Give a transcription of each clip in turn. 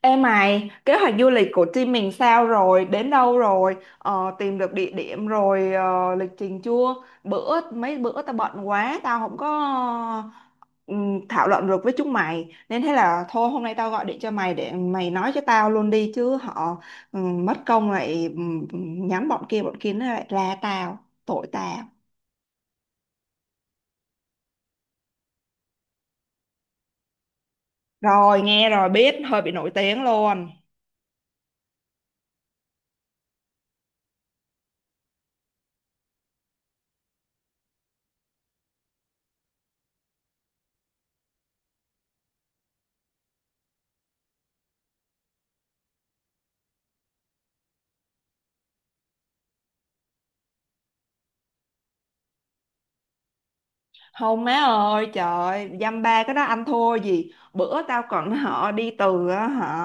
Ê mày, kế hoạch du lịch của team mình sao rồi? Đến đâu rồi? Ờ, tìm được địa điểm rồi, lịch trình chưa? Mấy bữa tao bận quá, tao không có ờ, thảo luận được với chúng mày. Nên thế là thôi hôm nay tao gọi điện cho mày để mày nói cho tao luôn đi chứ họ mất công lại nhắm bọn kia nó lại la tao, tội tao. Rồi nghe rồi biết, hơi bị nổi tiếng luôn. Không má ơi trời, dăm ba cái đó anh thua gì, bữa tao còn họ đi từ á, họ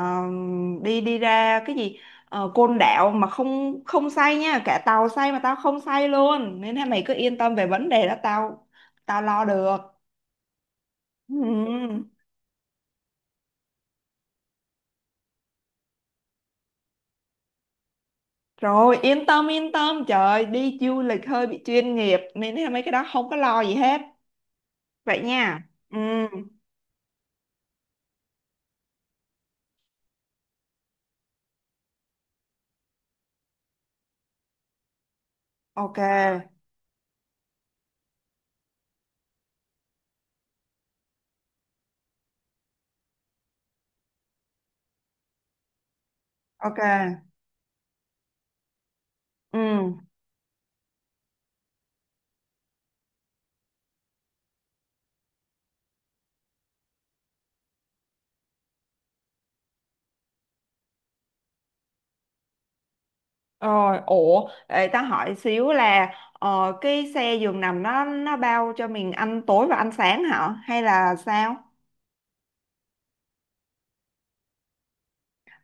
đi đi ra cái gì Côn Đảo mà không không say nha, cả tàu say mà tao không say luôn, nên là mày cứ yên tâm về vấn đề đó, tao tao lo được. Ừ. Rồi, yên tâm yên tâm, trời, đi du lịch hơi bị chuyên nghiệp nên thế mấy cái đó không có lo gì hết, vậy nha. Ừ, ok, ok, ừ. Rồi, ủa, để ta hỏi xíu là cái xe giường nằm nó bao cho mình ăn tối và ăn sáng hả? Hay là sao?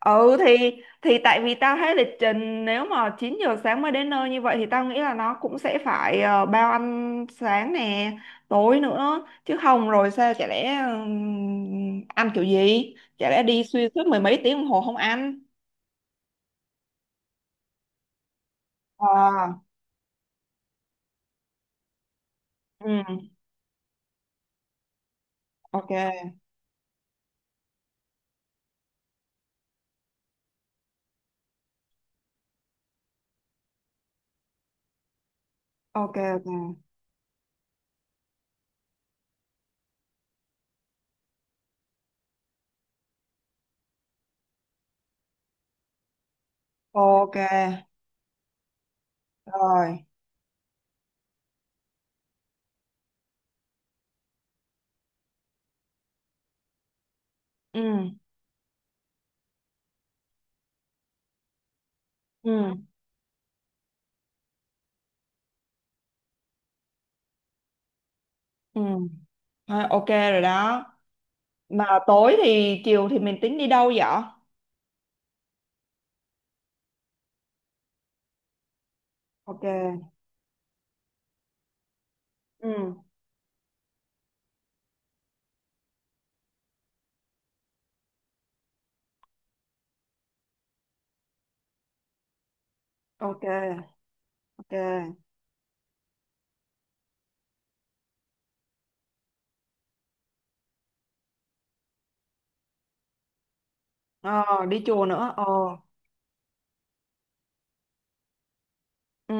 Ừ thì tại vì tao thấy lịch trình nếu mà 9 giờ sáng mới đến nơi như vậy thì tao nghĩ là nó cũng sẽ phải bao ăn sáng nè, tối nữa, chứ không rồi sao, chả lẽ ăn kiểu gì? Chả lẽ đi xuyên suốt mười mấy tiếng đồng hồ không ăn? ờ ừ, ok, ok, ok, ok, rồi, ừ, ừ. Ừ. Thôi, ok rồi đó. Mà tối thì Chiều thì mình tính đi đâu vậy? Ok. Ừ. Ok. Ok. Ờ, đi chùa nữa. Ờ. Ừ.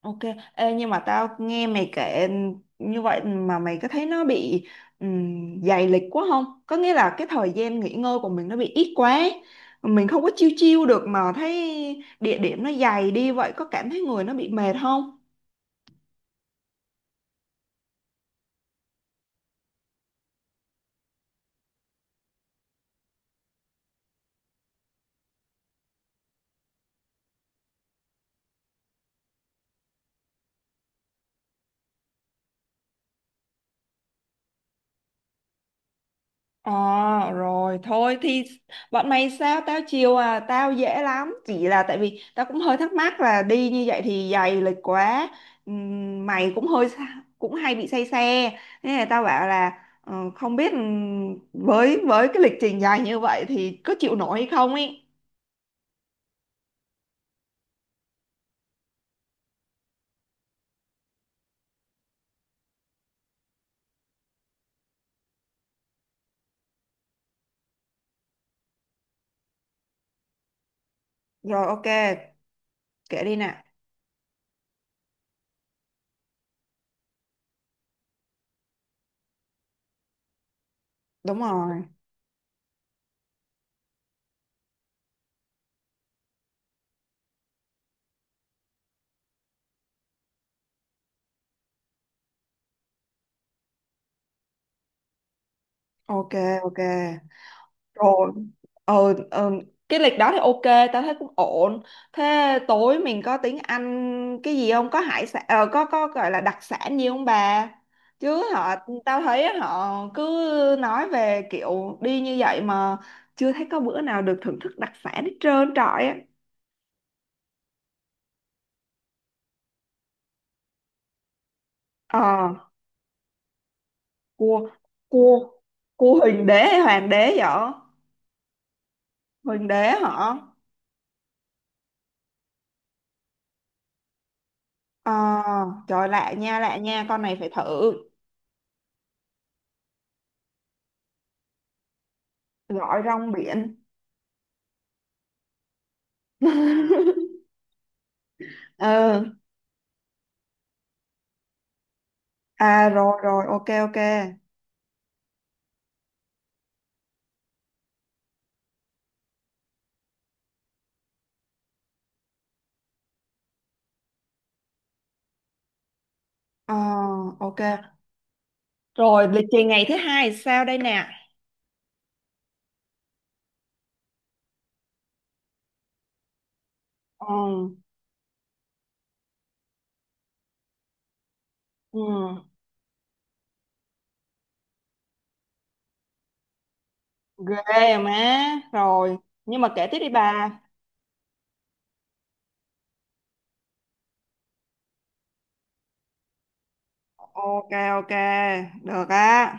Ok. Ê, nhưng mà tao nghe mày kể như vậy mà mày có thấy nó bị dày lịch quá không? Có nghĩa là cái thời gian nghỉ ngơi của mình nó bị ít quá. Mình không có chiêu chiêu được mà thấy địa điểm nó dày đi vậy, có cảm thấy người nó bị mệt không? À, rồi thôi thì bọn mày sao tao chiều, à tao dễ lắm, chỉ là tại vì tao cũng hơi thắc mắc là đi như vậy thì dày lịch quá. Mày cũng cũng hay bị say xe, nên là tao bảo là không biết với cái lịch trình dài như vậy thì có chịu nổi hay không ấy. Rồi, ok, kể đi nè. Đúng rồi. Ok, ok, rồi, ờ, ờ, cái lịch đó thì ok, tao thấy cũng ổn. Thế tối mình có tiếng Anh cái gì không, có hải sản có gọi là đặc sản gì không bà? Chứ họ tao thấy họ cứ nói về kiểu đi như vậy mà chưa thấy có bữa nào được thưởng thức đặc sản hết trơn trọi á. ờ cua cua cua huỳnh đế hay hoàng đế vậy? Huỳnh đế hả? ờ Trời, lạ nha, lạ nha, con này phải thử. Gỏi rong biển. Ừ, à, rồi rồi, ok, ok, ờ ok. Rồi, lịch trình ngày thứ hai thì sao đây nè? Ừ, ừ. Ghê má. Rồi, nhưng mà kể tiếp đi bà. Ok, ok, được á.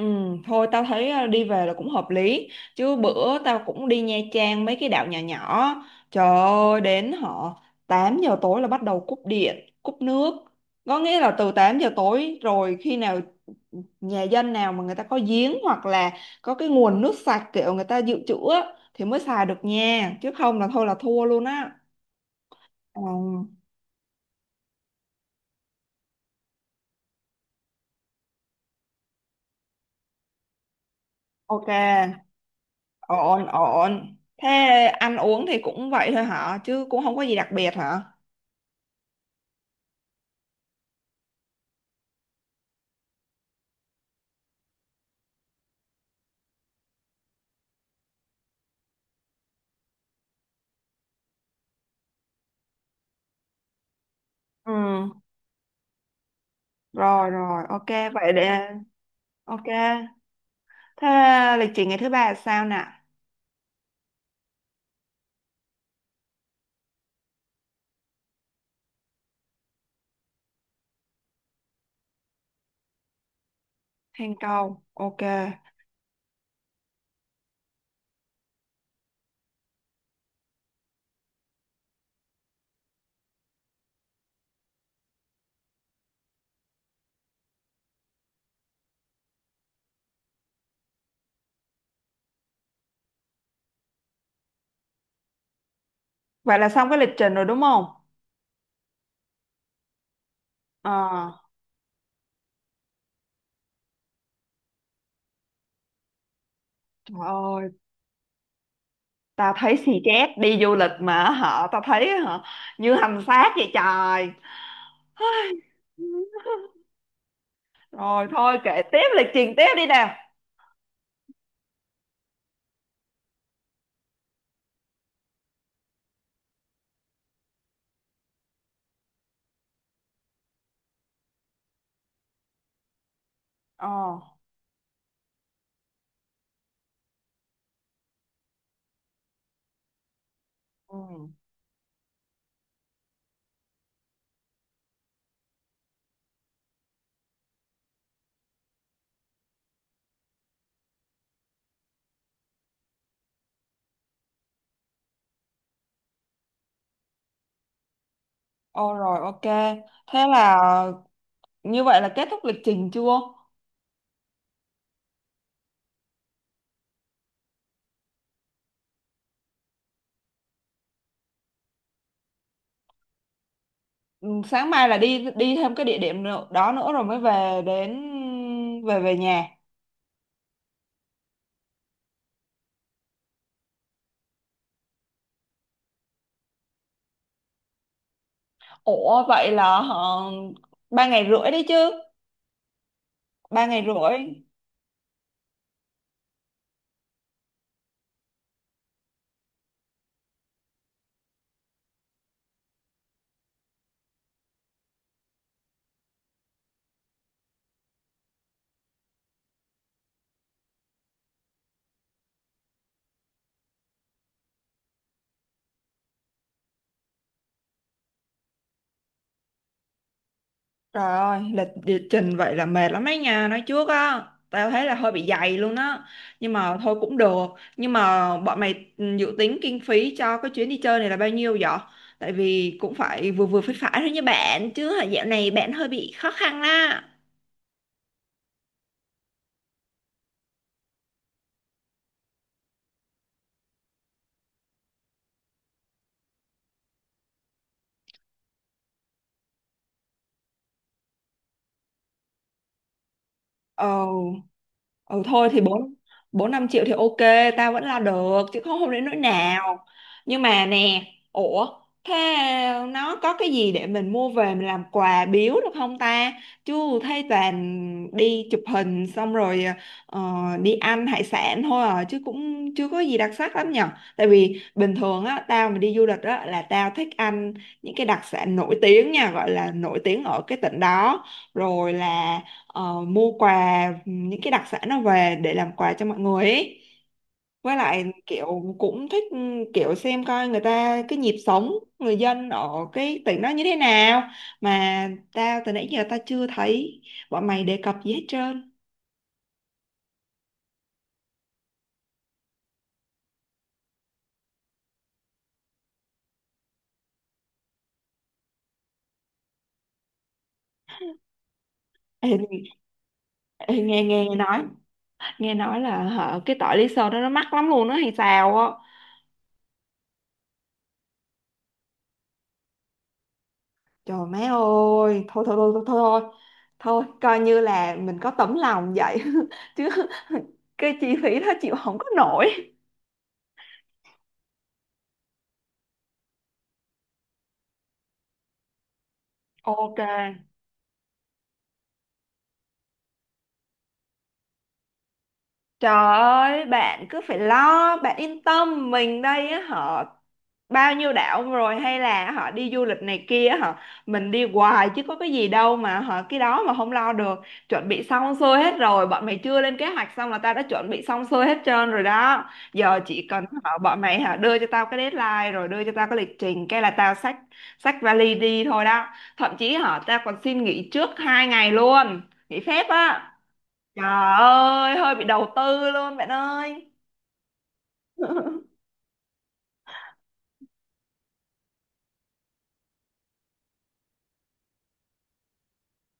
Ừ, thôi tao thấy đi về là cũng hợp lý, chứ bữa tao cũng đi Nha Trang mấy cái đảo nhỏ nhỏ, trời ơi, đến họ 8 giờ tối là bắt đầu cúp điện cúp nước, có nghĩa là từ 8 giờ tối rồi, khi nào nhà dân nào mà người ta có giếng, hoặc là có cái nguồn nước sạch kiểu người ta dự trữ á, thì mới xài được nha, chứ không là thôi là thua luôn á. Ừ, ok, ổn ổn. Thế ăn uống thì cũng vậy thôi hả, chứ cũng không có gì đặc biệt hả? Ừ. Rồi rồi, ok, vậy để ok. Thế lịch trình ngày thứ ba là sao nè? Thành công. Ok. Vậy là xong cái lịch trình rồi đúng không? Ờ, trời ơi, tao thấy xì chét, đi du lịch mà họ tao thấy hả, như hành xác vậy trời. Ai. Rồi thôi, kể tiếp lịch trình tiếp đi nào. Ờ. Ừ. Ô rồi ok. Thế là như vậy là kết thúc lịch trình chưa? Ừ, sáng mai là đi đi thêm cái đó nữa rồi mới về đến, về về nhà. Ủa vậy là họ 3 ngày rưỡi đấy chứ. 3 ngày rưỡi. Trời ơi, lịch địa trình vậy là mệt lắm đấy nha, nói trước á, tao thấy là hơi bị dày luôn á, nhưng mà thôi cũng được. Nhưng mà bọn mày dự tính kinh phí cho cái chuyến đi chơi này là bao nhiêu vậy? Tại vì cũng phải vừa vừa phải phải thôi nha bạn, chứ hả dạo này bạn hơi bị khó khăn á. Ồ. Ừ thôi thì bốn 4-5 triệu thì ok, tao vẫn lo được, chứ không không đến nỗi nào. Nhưng mà nè, ủa, thế nó có cái gì để mình mua về mình làm quà biếu được không ta? Chứ thấy toàn đi chụp hình xong rồi ờ, đi ăn hải sản thôi à, chứ cũng chưa có gì đặc sắc lắm nhở. Tại vì bình thường á, tao mà đi du lịch á là tao thích ăn những cái đặc sản nổi tiếng nha, gọi là nổi tiếng ở cái tỉnh đó, rồi là mua quà những cái đặc sản nó về để làm quà cho mọi người ấy. Với lại kiểu cũng thích kiểu xem coi người ta cái nhịp sống người dân ở cái tỉnh đó như thế nào, mà tao từ nãy giờ tao chưa thấy bọn mày đề cập gì hết trơn. Ê, ê, nghe nghe nói là hả, cái tỏi Lý Sơn đó nó mắc lắm luôn đó hay sao á. Trời má ơi, thôi thôi thôi thôi thôi. Thôi. Thôi, coi như là mình có tấm lòng vậy, chứ cái chi phí đó chịu không có nổi. Ok. Trời ơi, bạn cứ phải lo, bạn yên tâm, mình đây á họ bao nhiêu đảo rồi, hay là họ đi du lịch này kia á, họ mình đi hoài chứ có cái gì đâu mà họ cái đó mà không lo được. Chuẩn bị xong xuôi hết rồi, bọn mày chưa lên kế hoạch xong là tao đã chuẩn bị xong xuôi hết trơn rồi đó. Giờ chỉ cần họ bọn mày họ đưa cho tao cái deadline, rồi đưa cho tao cái lịch trình cái là tao xách xách vali đi thôi đó. Thậm chí họ tao còn xin nghỉ trước 2 ngày luôn, nghỉ phép á. Trời ơi, hơi bị đầu tư luôn bạn ơi.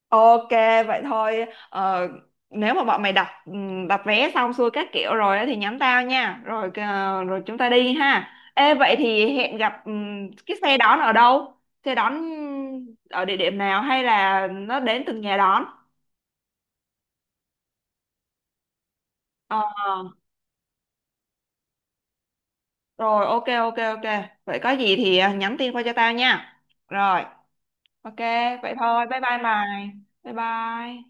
Ok, vậy thôi. Ờ, nếu mà bọn mày đặt đặt vé xong xuôi các kiểu rồi á thì nhắn tao nha. Rồi rồi chúng ta đi ha. Ê vậy thì hẹn gặp cái xe đón ở đâu? Xe đón ở địa điểm nào hay là nó đến từng nhà đón? Ờ, rồi, ok ok ok. Vậy có gì thì nhắn tin qua cho tao nha. Rồi, ok, vậy thôi. Bye bye mày. Bye bye.